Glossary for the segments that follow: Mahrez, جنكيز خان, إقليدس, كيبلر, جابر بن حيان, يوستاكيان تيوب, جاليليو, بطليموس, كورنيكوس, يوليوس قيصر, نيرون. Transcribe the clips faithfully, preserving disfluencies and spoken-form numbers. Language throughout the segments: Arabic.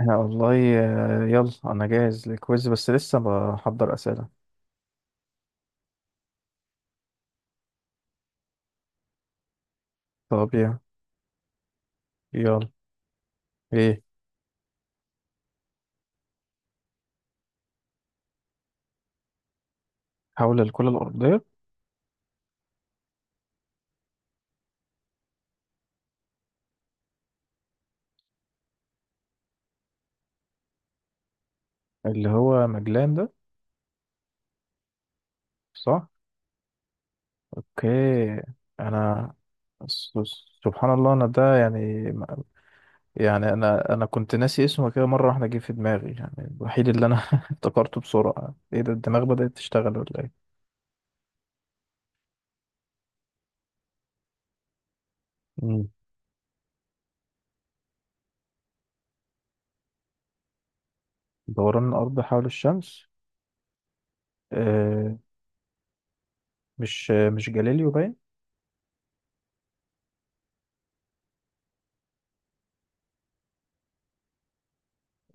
أنا والله آه، يلا انا جاهز للكويز، بس لسه بحضر اسئله. طب يا يلا، ايه؟ حول الكره الارضيه. اللي هو مجلان ده. صح. اوكي. انا س- سبحان الله، انا ده يعني يعني انا انا كنت ناسي اسمه، كده مره واحده جه في دماغي يعني. الوحيد اللي انا افتكرته بسرعه. ايه ده، الدماغ بدات تشتغل ولا ايه؟ مم. دوران الارض حول الشمس. آه مش مش جاليليو باين؟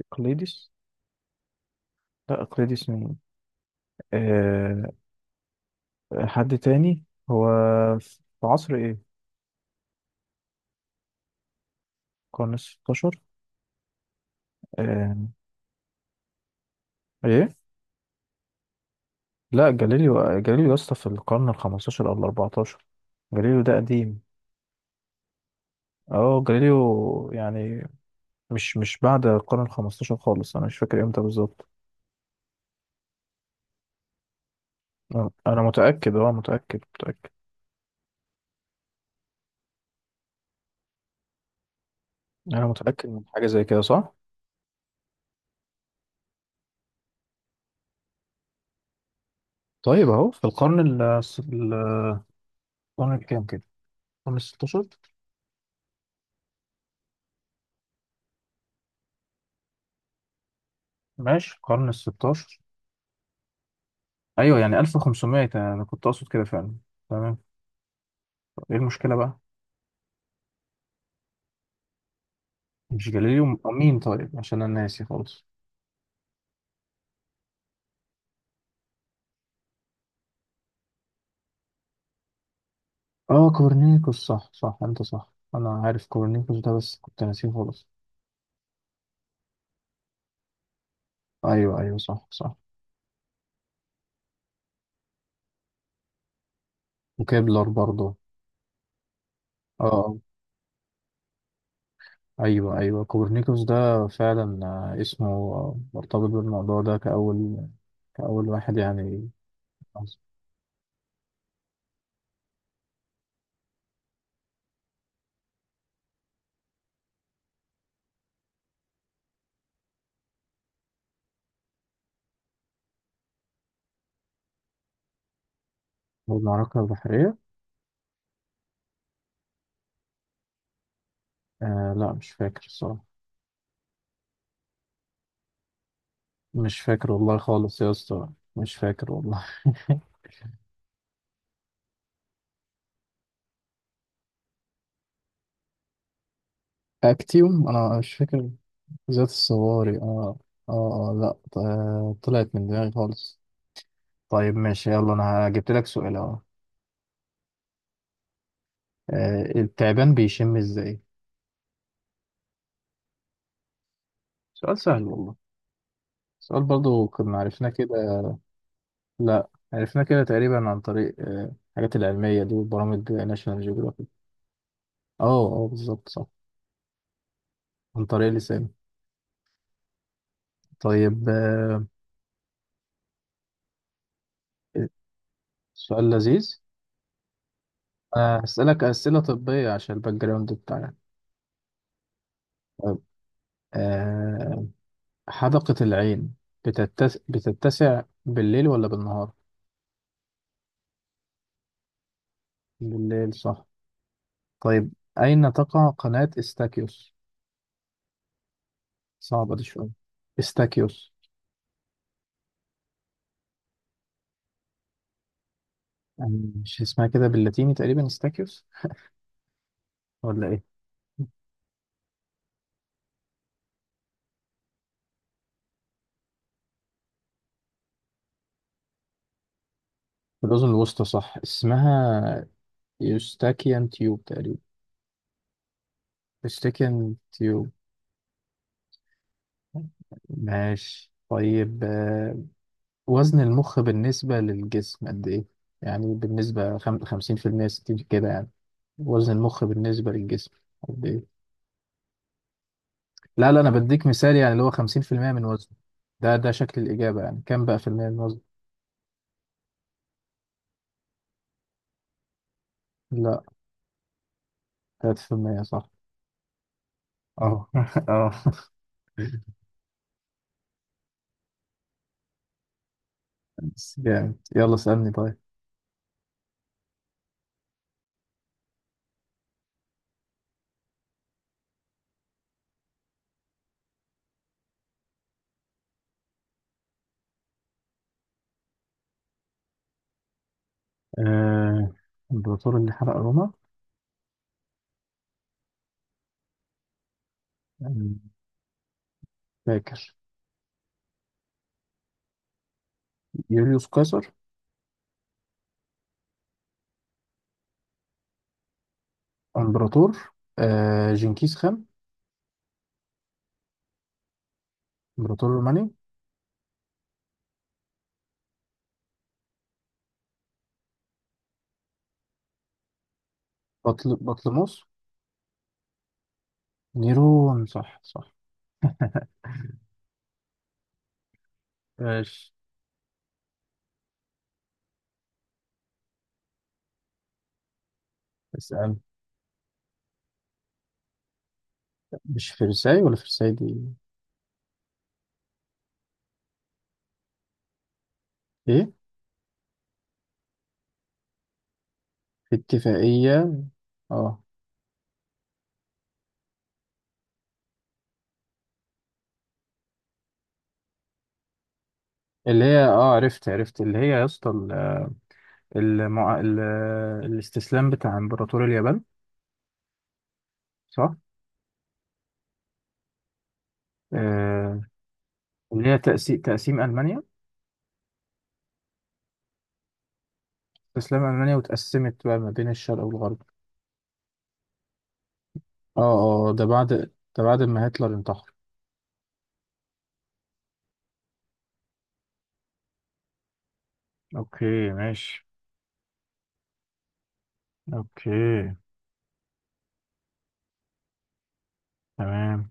اقليدس. لا، اقليدس مين؟ آه، حد تاني. هو في عصر ايه؟ القرن الستاشر. آه. ايه؟ لا، جاليليو جاليليو يا اسطى في القرن الخمستاشر او الاربعتاشر. جاليليو ده قديم. اه، جاليليو يعني، مش مش بعد القرن الخمستاشر خالص. انا مش فاكر امتى بالظبط. آه، انا متأكد، اه متأكد متأكد. انا متأكد من حاجة زي كده، صح. طيب، اهو في القرن ال ال- القرن الكام كده؟ القرن الستاشر. ماشي، القرن الستاشر. ايوه، يعني ألف وخمسمائة انا كنت اقصد كده فعلا. تمام. ايه المشكلة بقى؟ مش جاليليو. آه، مين طيب، عشان انا ناسي خالص. اه، كورنيكوس، صح صح. انت صح، انا عارف كورنيكوس ده بس كنت ناسيه خالص. ايوه ايوه، صح صح. وكيبلر برضه. اه، آه، ايوه ايوه، كورنيكوس ده فعلا. آه، اسمه آه، مرتبط بالموضوع ده كأول كأول واحد يعني. هو المعركة البحرية؟ آه لا، مش فاكر الصراحة. مش فاكر والله خالص يا اسطى. مش فاكر والله اكتيوم، انا مش فاكر. ذات الصواري. اه اه اه، لا، ط- آه، طلعت من دماغي خالص. طيب ماشي. يلا انا جبت لك سؤال اهو. آه، التعبان بيشم ازاي؟ سؤال سهل والله. سؤال برضو كنا عرفناه كده. لا، عرفناه كده تقريبا، عن طريق آه، الحاجات العلمية دي وبرامج ناشونال جيوغرافيك. اه اه، بالظبط، صح. عن طريق لساني. طيب، آه، سؤال لذيذ. آه، هسألك أسئلة طبية عشان الباك جراوند بتاعنا. طيب. آه، حدقة العين بتتس... بتتسع بالليل ولا بالنهار؟ بالليل صح. طيب، أين تقع قناة استاكيوس؟ صعبة دي شوية. استاكيوس. يعني مش اسمها كده باللاتيني تقريبا استاكيوس، ولا إيه؟ في الأذن الوسطى، صح. اسمها يوستاكيان تيوب تقريبا. يوستاكيان تيوب. ماشي طيب. آه، وزن المخ بالنسبة للجسم قد إيه؟ يعني بالنسبة خم- خمسين في المية، ستين كده يعني. وزن المخ بالنسبة للجسم قد إيه؟ لا لا، أنا بديك مثال، يعني اللي هو خمسين في المية من وزنه. ده ده شكل الإجابة. يعني كام بقى في المية من وزنه؟ لا. تلاتة في المية، صح. اه اه. بس جامد. يلا اسألني طيب. آه. الإمبراطور اللي حرق روما. آه، فاكر. يوليوس قيصر. إمبراطور. آه. جنكيز خان. إمبراطور روماني. بطل... بطليموس. نيرون، صح صح. ماشي. اسأل. مش فرساي، ولا فرساي دي؟ ايه؟ في اتفاقية. اه. اللي هي، اه، عرفت عرفت اللي هي يا اسطى ال- المع... ال... الاستسلام بتاع امبراطور اليابان، صح. آه. اللي هي تقسيم تقسيم ألمانيا. استسلام ألمانيا وتقسمت بقى ما بين الشرق والغرب. اه اه، ده بعد ده بعد ما هتلر انتحر. اوكي ماشي. اوكي. تمام.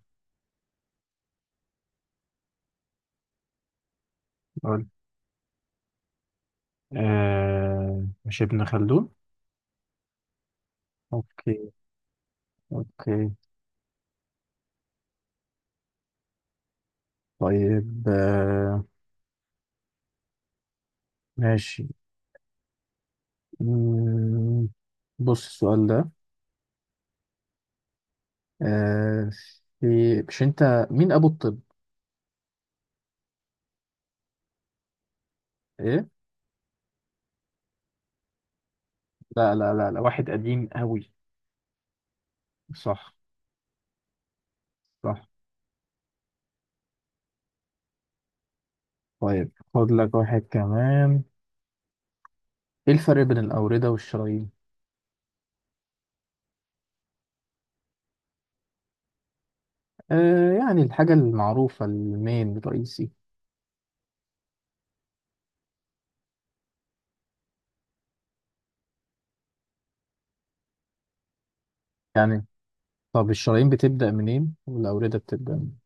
قول. آه. مش ابن خلدون؟ اوكي. اوكي. طيب، آه ماشي. مم، بص السؤال ده. آه في، مش انت، مين ابو الطب؟ ايه؟ لا لا لا لا، واحد قديم قوي. صح صح. طيب، خد لك واحد كمان. ايه الفرق بين الاوردة والشرايين؟ آه يعني الحاجة المعروفة، المين الرئيسي يعني. طب الشرايين بتبدأ منين والاوردة بتبدأ منين؟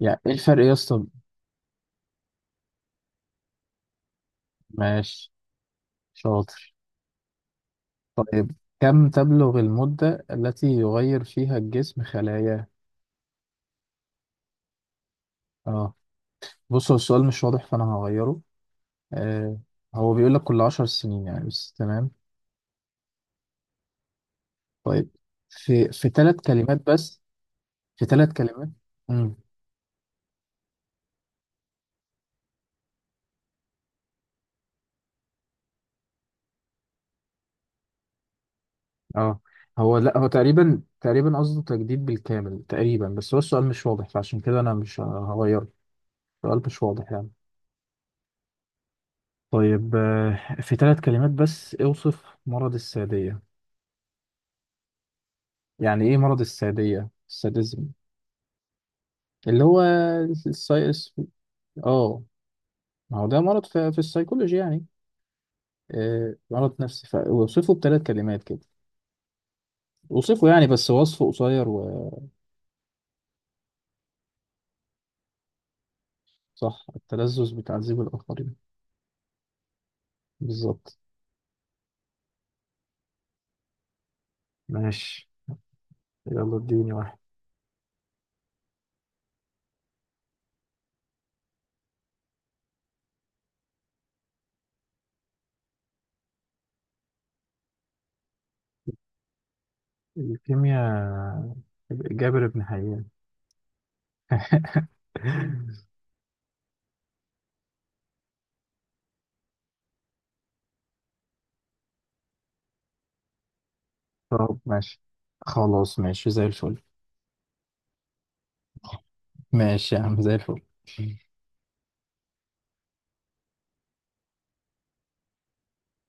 يعني ايه الفرق يا اسطى؟ ماشي شاطر. طيب، كم تبلغ المدة التي يغير فيها الجسم خلاياه؟ اه، بص هو السؤال مش واضح، فأنا هغيره. آه هو بيقول لك كل عشر سنين يعني، بس تمام. طيب، في في ثلاث كلمات بس. في ثلاث كلمات امم اه، هو، لا هو تقريبا، تقريبا قصده تجديد بالكامل تقريبا، بس هو السؤال مش واضح، فعشان كده أنا مش هغيره. السؤال مش واضح يعني. طيب، آه في ثلاث كلمات بس، اوصف مرض السادية. يعني إيه مرض السادية؟ الساديزم، اللي هو السايس. اه، ما هو ده مرض في, في السيكولوجي يعني. آه مرض نفسي، فوصفه بثلاث كلمات كده. وصفه يعني، بس وصفه قصير. وصح. التلذذ بتعذيب الآخرين. بالظبط. ماشي. يلا اديني واحد. الكيمياء. جابر بن حيان. طب ماشي. خلاص ماشي زي الفل. ماشي يا عم زي الفل.